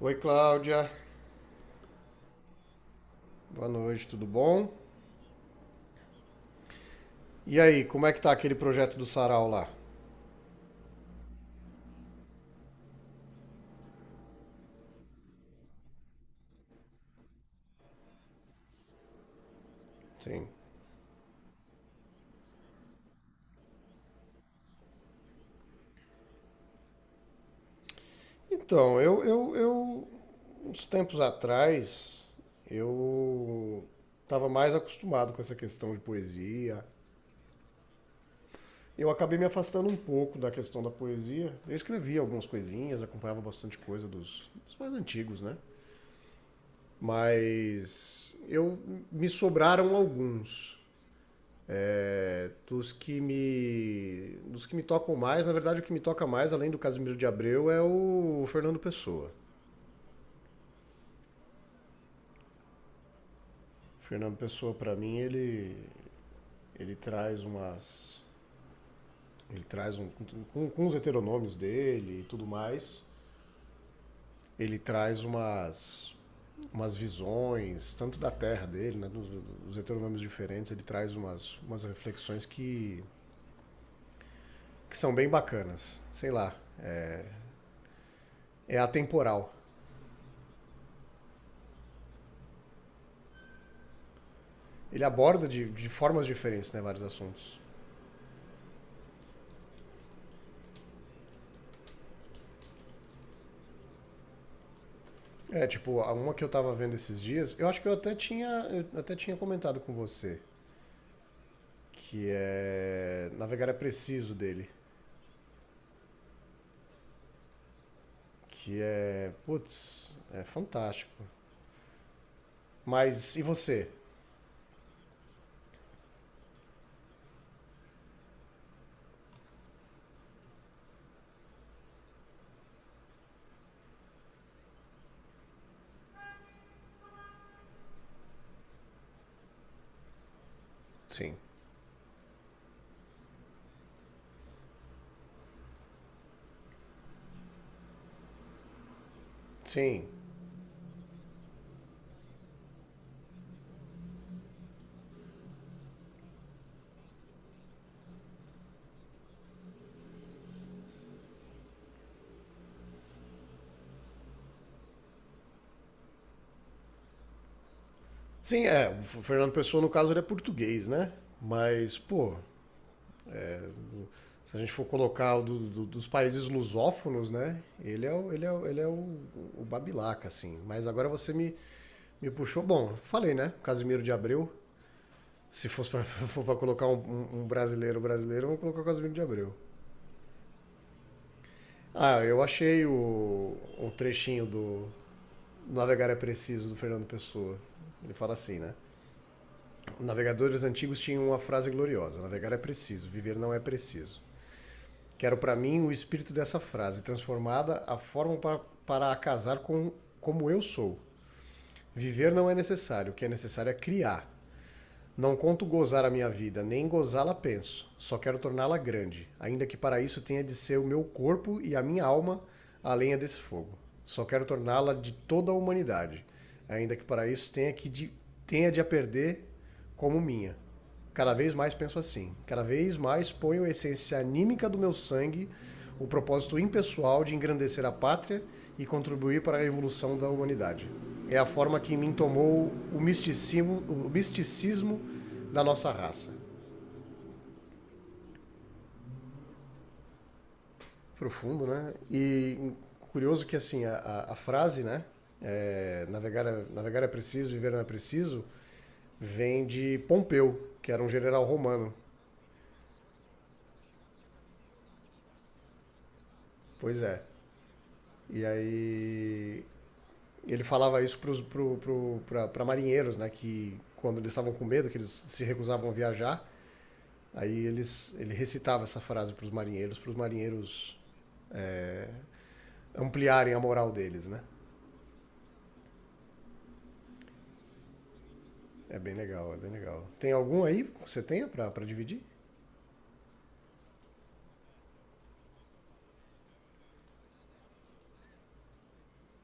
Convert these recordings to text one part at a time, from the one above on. Oi, Cláudia. Boa noite, tudo bom? E aí, como é que tá aquele projeto do Sarau lá? Sim. Então, eu uns tempos atrás, eu estava mais acostumado com essa questão de poesia. Eu acabei me afastando um pouco da questão da poesia. Eu escrevia algumas coisinhas, acompanhava bastante coisa dos mais antigos, né? Mas eu me sobraram alguns. Dos que me tocam mais, na verdade o que me toca mais, além do Casimiro de Abreu, é o Fernando Pessoa. O Fernando Pessoa, para mim, ele traz umas. Ele traz um. Com os heteronômios dele e tudo mais, ele traz umas. Umas visões, tanto da terra dele, né? Dos heteronômios diferentes, ele traz umas, umas reflexões que são bem bacanas. Sei lá. É atemporal. Ele aborda de formas diferentes, né, vários assuntos. É, tipo, a uma que eu tava vendo esses dias, eu acho que eu até tinha comentado com você, que é Navegar é Preciso dele, que é, putz, é fantástico. Mas e você? Sim. Sim. Sim, é, o Fernando Pessoa no caso ele é português, né? Mas, pô, se a gente for colocar o dos países lusófonos, né? Ele é o, ele é o, ele é o Babilaca, assim. Mas agora me puxou. Bom, falei, né? Casimiro de Abreu. Se fosse pra, For pra colocar um brasileiro brasileiro, eu vou colocar o Casimiro de Abreu. Ah, eu achei o trechinho do Navegar é Preciso, do Fernando Pessoa. Ele fala assim, né? Navegadores antigos tinham uma frase gloriosa: navegar é preciso, viver não é preciso. Quero para mim o espírito dessa frase, transformada a forma para a casar com como eu sou. Viver não é necessário, o que é necessário é criar. Não conto gozar a minha vida, nem gozá-la penso. Só quero torná-la grande, ainda que para isso tenha de ser o meu corpo e a minha alma a lenha desse fogo. Só quero torná-la de toda a humanidade, ainda que para isso tenha de a perder como minha. Cada vez mais penso assim. Cada vez mais ponho a essência anímica do meu sangue, o propósito impessoal de engrandecer a pátria e contribuir para a evolução da humanidade é a forma que em mim tomou o misticismo da nossa raça. Profundo, né? E curioso que assim a frase, né? Navegar é preciso, viver não é preciso, vem de Pompeu, que era um general romano. Pois é. E aí ele falava isso para pro, marinheiros, né? Que quando eles estavam com medo, que eles se recusavam a viajar, ele recitava essa frase para os marinheiros é, ampliarem a moral deles, né? É bem legal, é bem legal. Tem algum aí que você tenha pra dividir?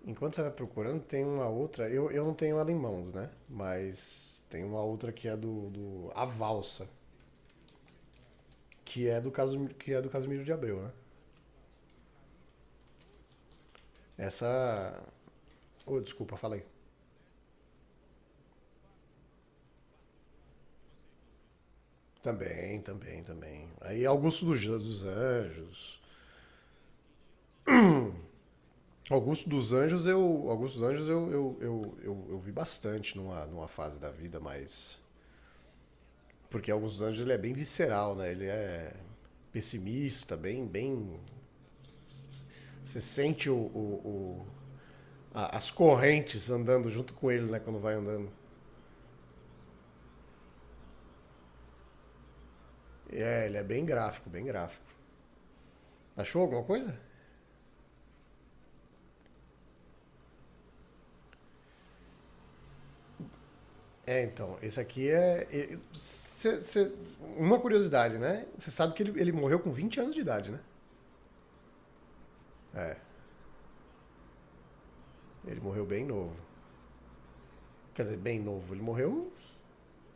Enquanto você vai procurando, tem uma outra. Eu não tenho ela em mãos, né? Mas tem uma outra que é do A Valsa, que é do Casimiro de Abreu, né? Essa. Oh, desculpa, falei. Também, também, também. Aí Augusto dos Anjos. Augusto dos Anjos eu vi bastante numa, numa fase da vida mais. Porque Alguns Anjos ele é bem visceral, né? Ele é pessimista, bem, bem. Você sente as correntes andando junto com ele, né? Quando vai andando. É, ele é bem gráfico, bem gráfico. Achou alguma coisa? É, então, esse aqui é. E- cê- cê- uma curiosidade, né? Você sabe que ele morreu com 20 anos de idade, né? Ele morreu bem novo. Quer dizer, bem novo. Ele morreu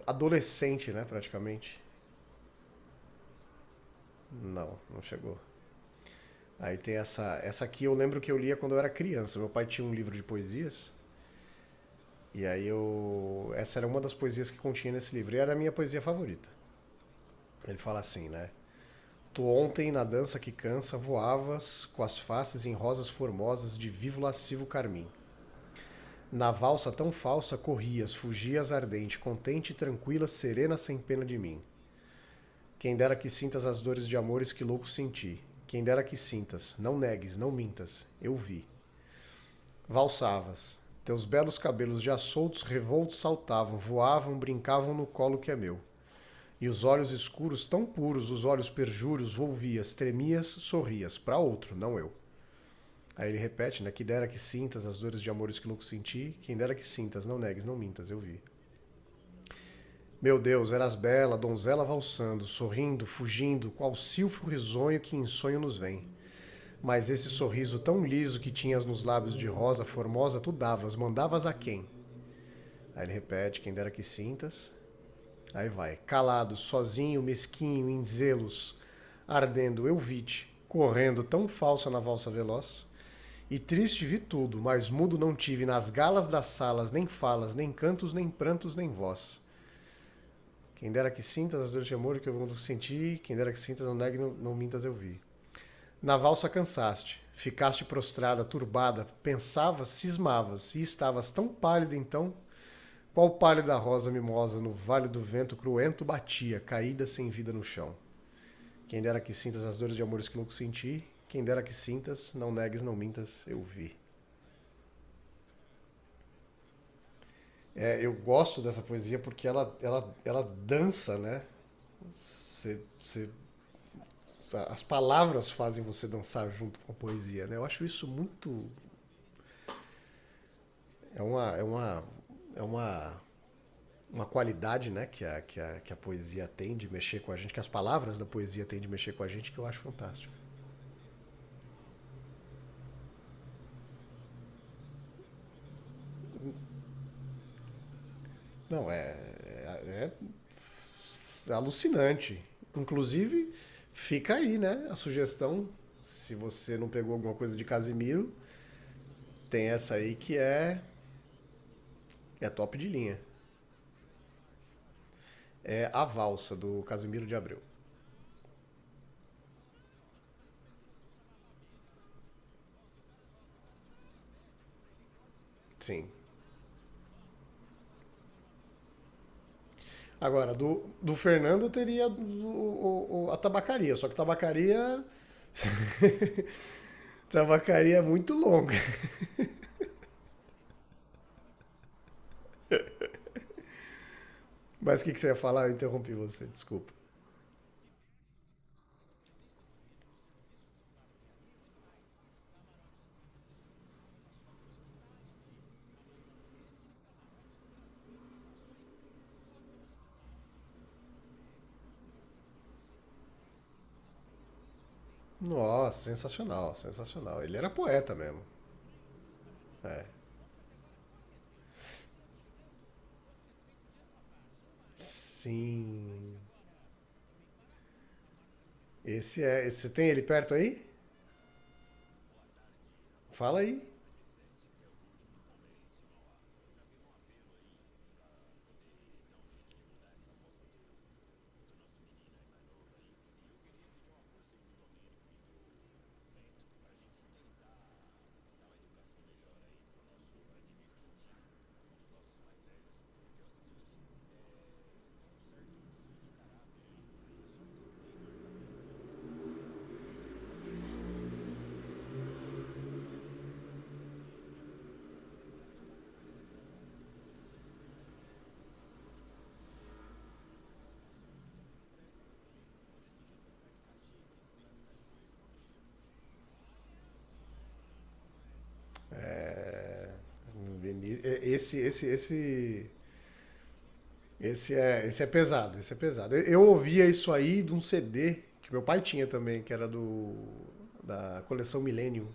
adolescente, né? Praticamente. Não, não chegou. Aí tem essa. Essa aqui eu lembro que eu lia quando eu era criança. Meu pai tinha um livro de poesias. E aí eu. Essa era uma das poesias que continha nesse livro. E era a minha poesia favorita. Ele fala assim, né? Tu ontem, na dança que cansa, voavas com as faces em rosas formosas de vivo lascivo carmim. Na valsa tão falsa corrias, fugias ardente, contente, tranquila, serena, sem pena de mim. Quem dera que sintas as dores de amores que louco senti. Quem dera que sintas, não negues, não mintas, eu vi. Valsavas teus belos cabelos já soltos revoltos saltavam voavam brincavam no colo que é meu e os olhos escuros tão puros os olhos perjuros volvias tremias sorrias pra outro não eu. Aí ele repete, né, que dera que sintas as dores de amores que louco senti, quem dera que sintas, não negues, não mintas, eu vi. Meu Deus, eras bela, donzela valsando, sorrindo, fugindo, qual silfo risonho que em sonho nos vem. Mas esse sorriso tão liso que tinhas nos lábios de rosa formosa, tu davas, mandavas a quem? Aí ele repete, quem dera que sintas. Aí vai. Calado, sozinho, mesquinho, em zelos, ardendo, eu vi-te, correndo tão falsa na valsa veloz. E triste vi tudo, mas mudo não tive nas galas das salas, nem falas, nem cantos, nem prantos, nem voz. Quem dera que sintas as dores de amor que eu senti, quem dera que sintas, não negue, não, não mintas, eu vi. Na valsa cansaste, ficaste prostrada, turbada, pensavas, cismavas, e estavas tão pálida então. Qual pálida rosa mimosa no vale do vento cruento batia, caída sem vida no chão? Quem dera que sintas as dores de amores que louco senti, quem dera que sintas, não negues, não mintas, eu vi. É, eu gosto dessa poesia porque ela dança, né? Você, você, as palavras fazem você dançar junto com a poesia, né? Eu acho isso muito. É uma, é uma, é uma, uma qualidade, né? Que a poesia tem de mexer com a gente, que as palavras da poesia tem de mexer com a gente, que eu acho fantástico. Não, é, é alucinante. Inclusive, fica aí, né? A sugestão, se você não pegou alguma coisa de Casimiro, tem essa aí que é top de linha. É a valsa do Casimiro de Abreu. Sim. Agora, do Fernando eu teria a tabacaria, só que tabacaria. Tabacaria é muito longa. Mas que você ia falar? Eu interrompi você, desculpa. Nossa, sensacional, sensacional. Ele era poeta mesmo. É. Sim. Esse é. Você tem ele perto aí? Fala aí. Veni- é, Esse, esse, esse, esse é pesado. Esse é pesado. Eu ouvia isso aí de um CD que meu pai tinha também, que era do da coleção Millennium.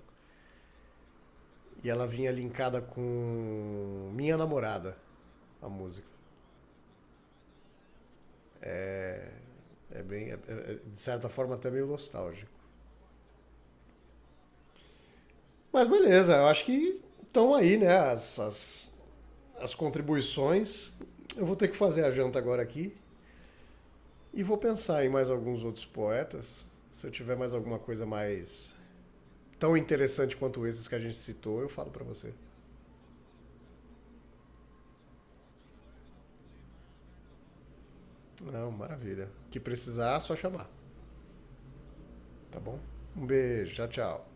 E ela vinha linkada com Minha Namorada, a música. É bem, de certa forma até meio nostálgico. Mas beleza, eu acho que estão aí, né? As contribuições. Eu vou ter que fazer a janta agora aqui. E vou pensar em mais alguns outros poetas. Se eu tiver mais alguma coisa mais tão interessante quanto esses que a gente citou, eu falo para você. Não, maravilha. O que precisar, é só chamar, tá bom? Um beijo, tchau, tchau.